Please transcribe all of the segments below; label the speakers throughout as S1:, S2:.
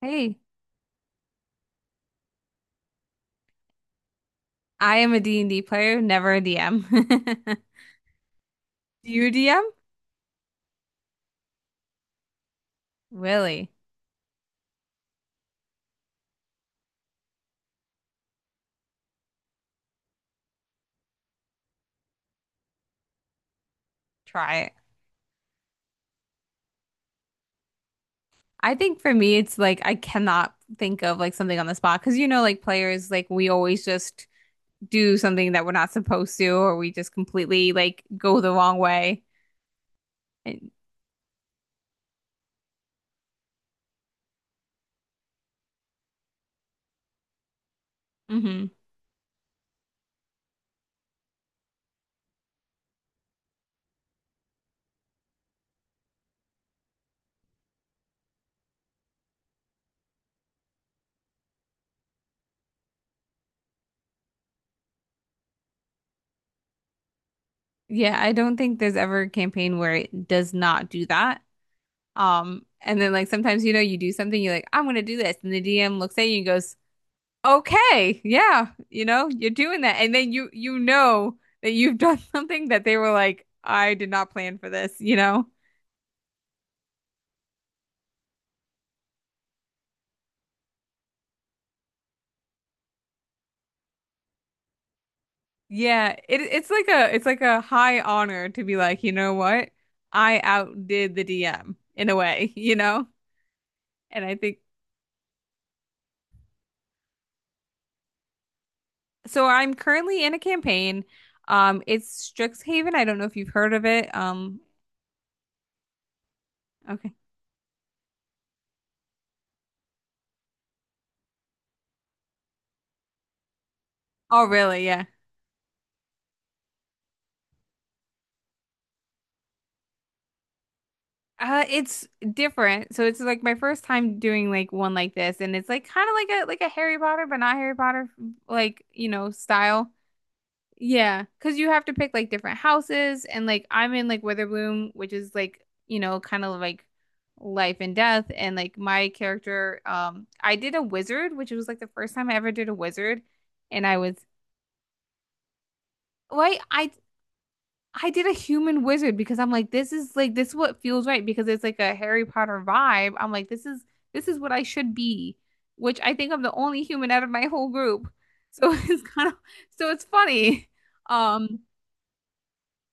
S1: Hey, I am a D and D player, never a DM. Do you DM? Really? Try it. I think for me, it's like I cannot think of like something on the spot because like players, like we always just do something that we're not supposed to, or we just completely like go the wrong way. And, hmm. Yeah, I don't think there's ever a campaign where it does not do that. And then like sometimes you know you do something, you're like, I'm gonna do this, and the DM looks at you and goes, okay, yeah, you're doing that. And then you know that you've done something that they were like, I did not plan for this, you know? Yeah, it's like a high honor to be like, you know what? I outdid the DM in a way, you know? And I think so I'm currently in a campaign. It's Strixhaven. I don't know if you've heard of it. Okay. Oh, really? Yeah. It's different. So it's like my first time doing like one like this, and it's like kind of like a Harry Potter, but not Harry Potter like, style. Yeah, 'cause you have to pick like different houses and like I'm in like Witherbloom, which is like, kind of like life and death and like my character I did a wizard, which was like the first time I ever did a wizard and I was well, I did a human wizard because I'm like this is what feels right because it's like a Harry Potter vibe. I'm like, this is what I should be, which I think I'm the only human out of my whole group. So it's kind of so it's funny. Um,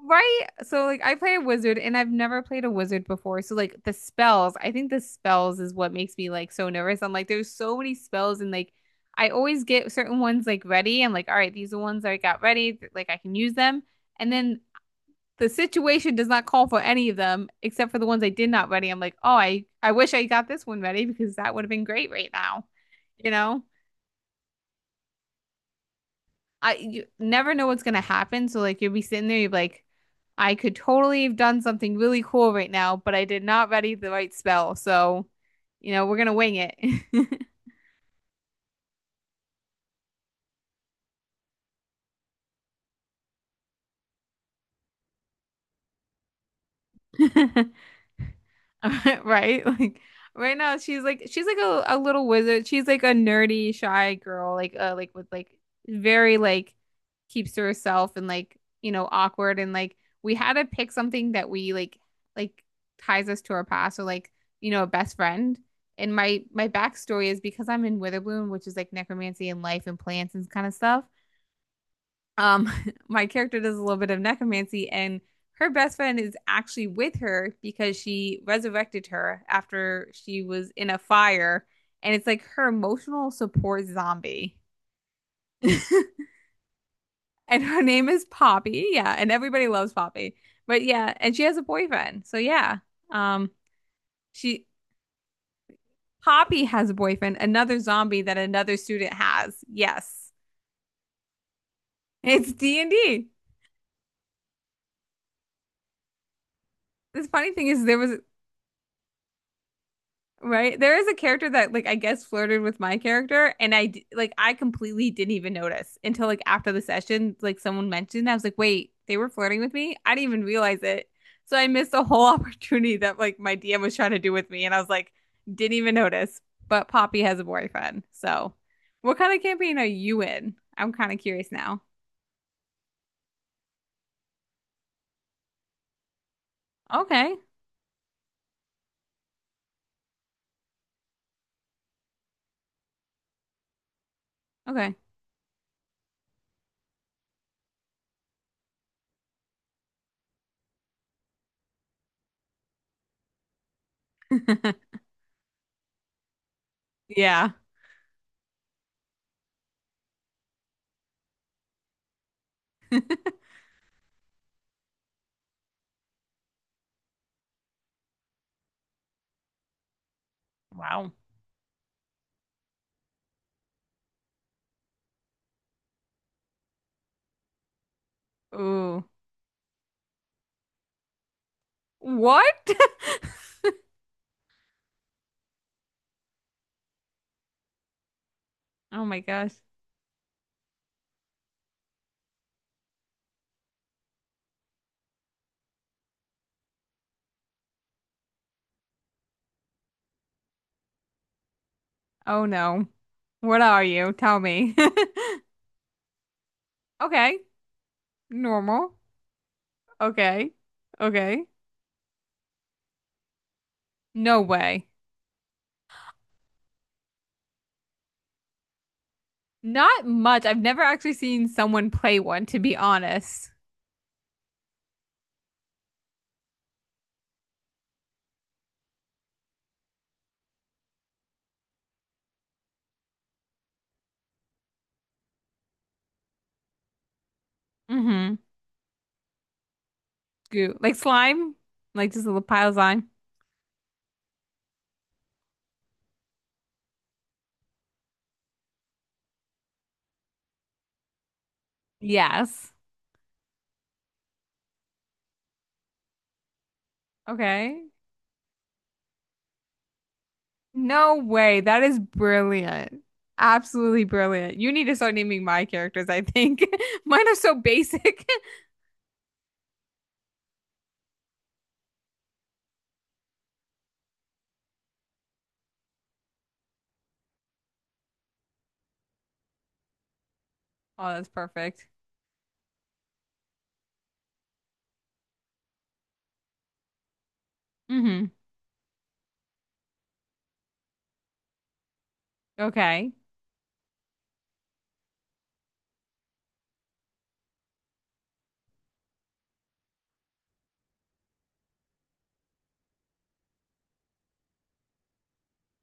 S1: right? So like I play a wizard and I've never played a wizard before. So like the spells, I think the spells is what makes me like so nervous. I'm like, there's so many spells and like I always get certain ones like ready. I'm like, all right, these are ones that I got ready, like I can use them. And then the situation does not call for any of them except for the ones I did not ready. I'm like, oh, I wish I got this one ready because that would have been great right now. You know, you never know what's gonna happen. So like you'll be sitting there, you're like, I could totally have done something really cool right now, but I did not ready the right spell. So, we're gonna wing it. Right? Like right now she's like a little wizard. She's like a nerdy, shy girl, like like with like very like keeps to herself and like, awkward and like we had to pick something that we like ties us to our past or like, a best friend. And my backstory is because I'm in Witherbloom, which is like necromancy and life and plants and kind of stuff um my character does a little bit of necromancy and her best friend is actually with her because she resurrected her after she was in a fire, and it's like her emotional support zombie. And her name is Poppy. Yeah, and everybody loves Poppy, but yeah, and she has a boyfriend, so yeah. um she Poppy has a boyfriend, another zombie that another student has. Yes, it's D&D. The funny thing is there was— Right? There is a character that like I guess flirted with my character, and like I completely didn't even notice until like after the session like someone mentioned it. I was like, "Wait, they were flirting with me? I didn't even realize it." So I missed a whole opportunity that like my DM was trying to do with me, and I was like, "Didn't even notice." But Poppy has a boyfriend. So, what kind of campaign are you in? I'm kind of curious now. Okay. Okay. Yeah. Wow. Ooh. What? Oh my gosh. Oh no. What are you? Tell me. Okay. Normal. Okay. Okay. No way. Not much. I've never actually seen someone play one, to be honest. Mm-hmm. Goo. Like slime? Like just a little pile of slime? Yes. Okay. No way. That is brilliant. Absolutely brilliant. You need to start naming my characters, I think. Mine are so basic. Oh, that's perfect. Mm-hmm. Okay.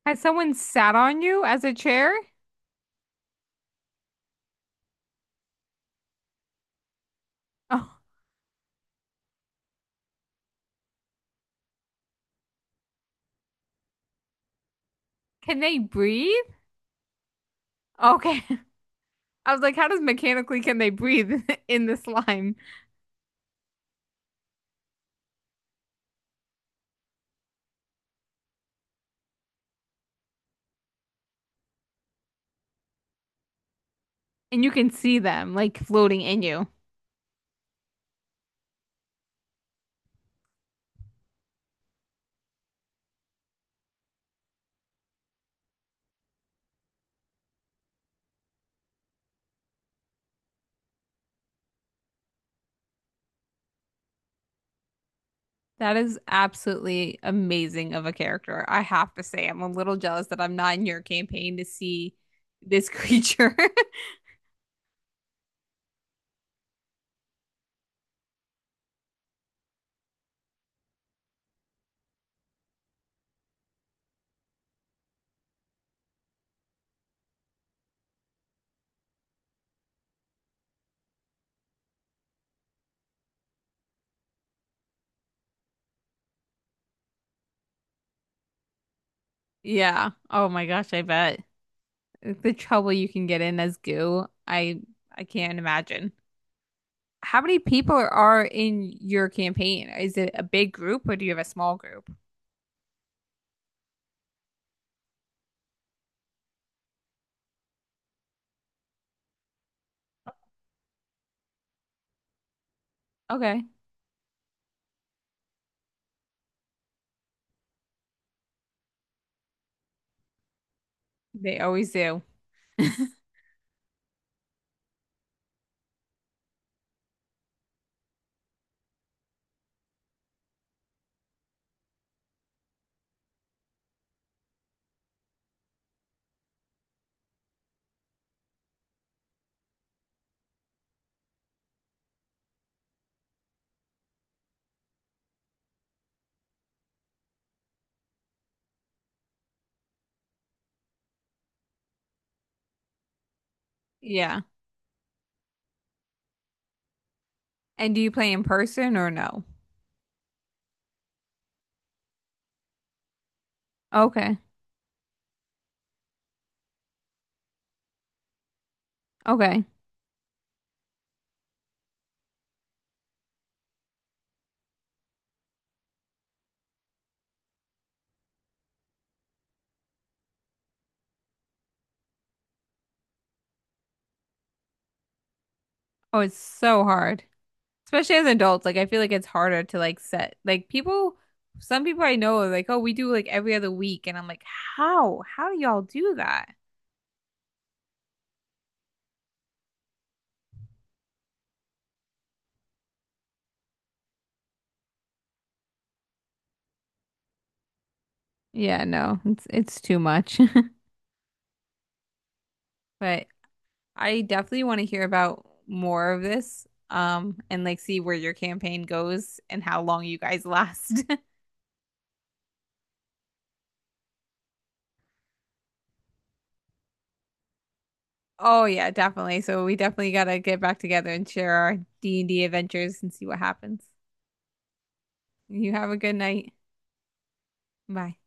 S1: Has someone sat on you as a chair? Oh, can they breathe? Okay. I was like, how does mechanically can they breathe in the slime? And you can see them like floating in you. That is absolutely amazing of a character. I have to say, I'm a little jealous that I'm not in your campaign to see this creature. Yeah. Oh my gosh, I bet. The trouble you can get in as goo, I can't imagine. How many people are in your campaign? Is it a big group or do you have a small group? Okay. They always do. Yeah. And do you play in person or no? Okay. Okay. Oh, it's so hard. Especially as adults, like I feel like it's harder to like set like people, some people I know are like, "Oh, we do like every other week." And I'm like, "How? How do y'all do that?" Yeah, no. It's too much. But I definitely want to hear about more of this, and like see where your campaign goes and how long you guys last. Oh yeah, definitely. So we definitely gotta get back together and share our D&D adventures and see what happens. You have a good night. Bye.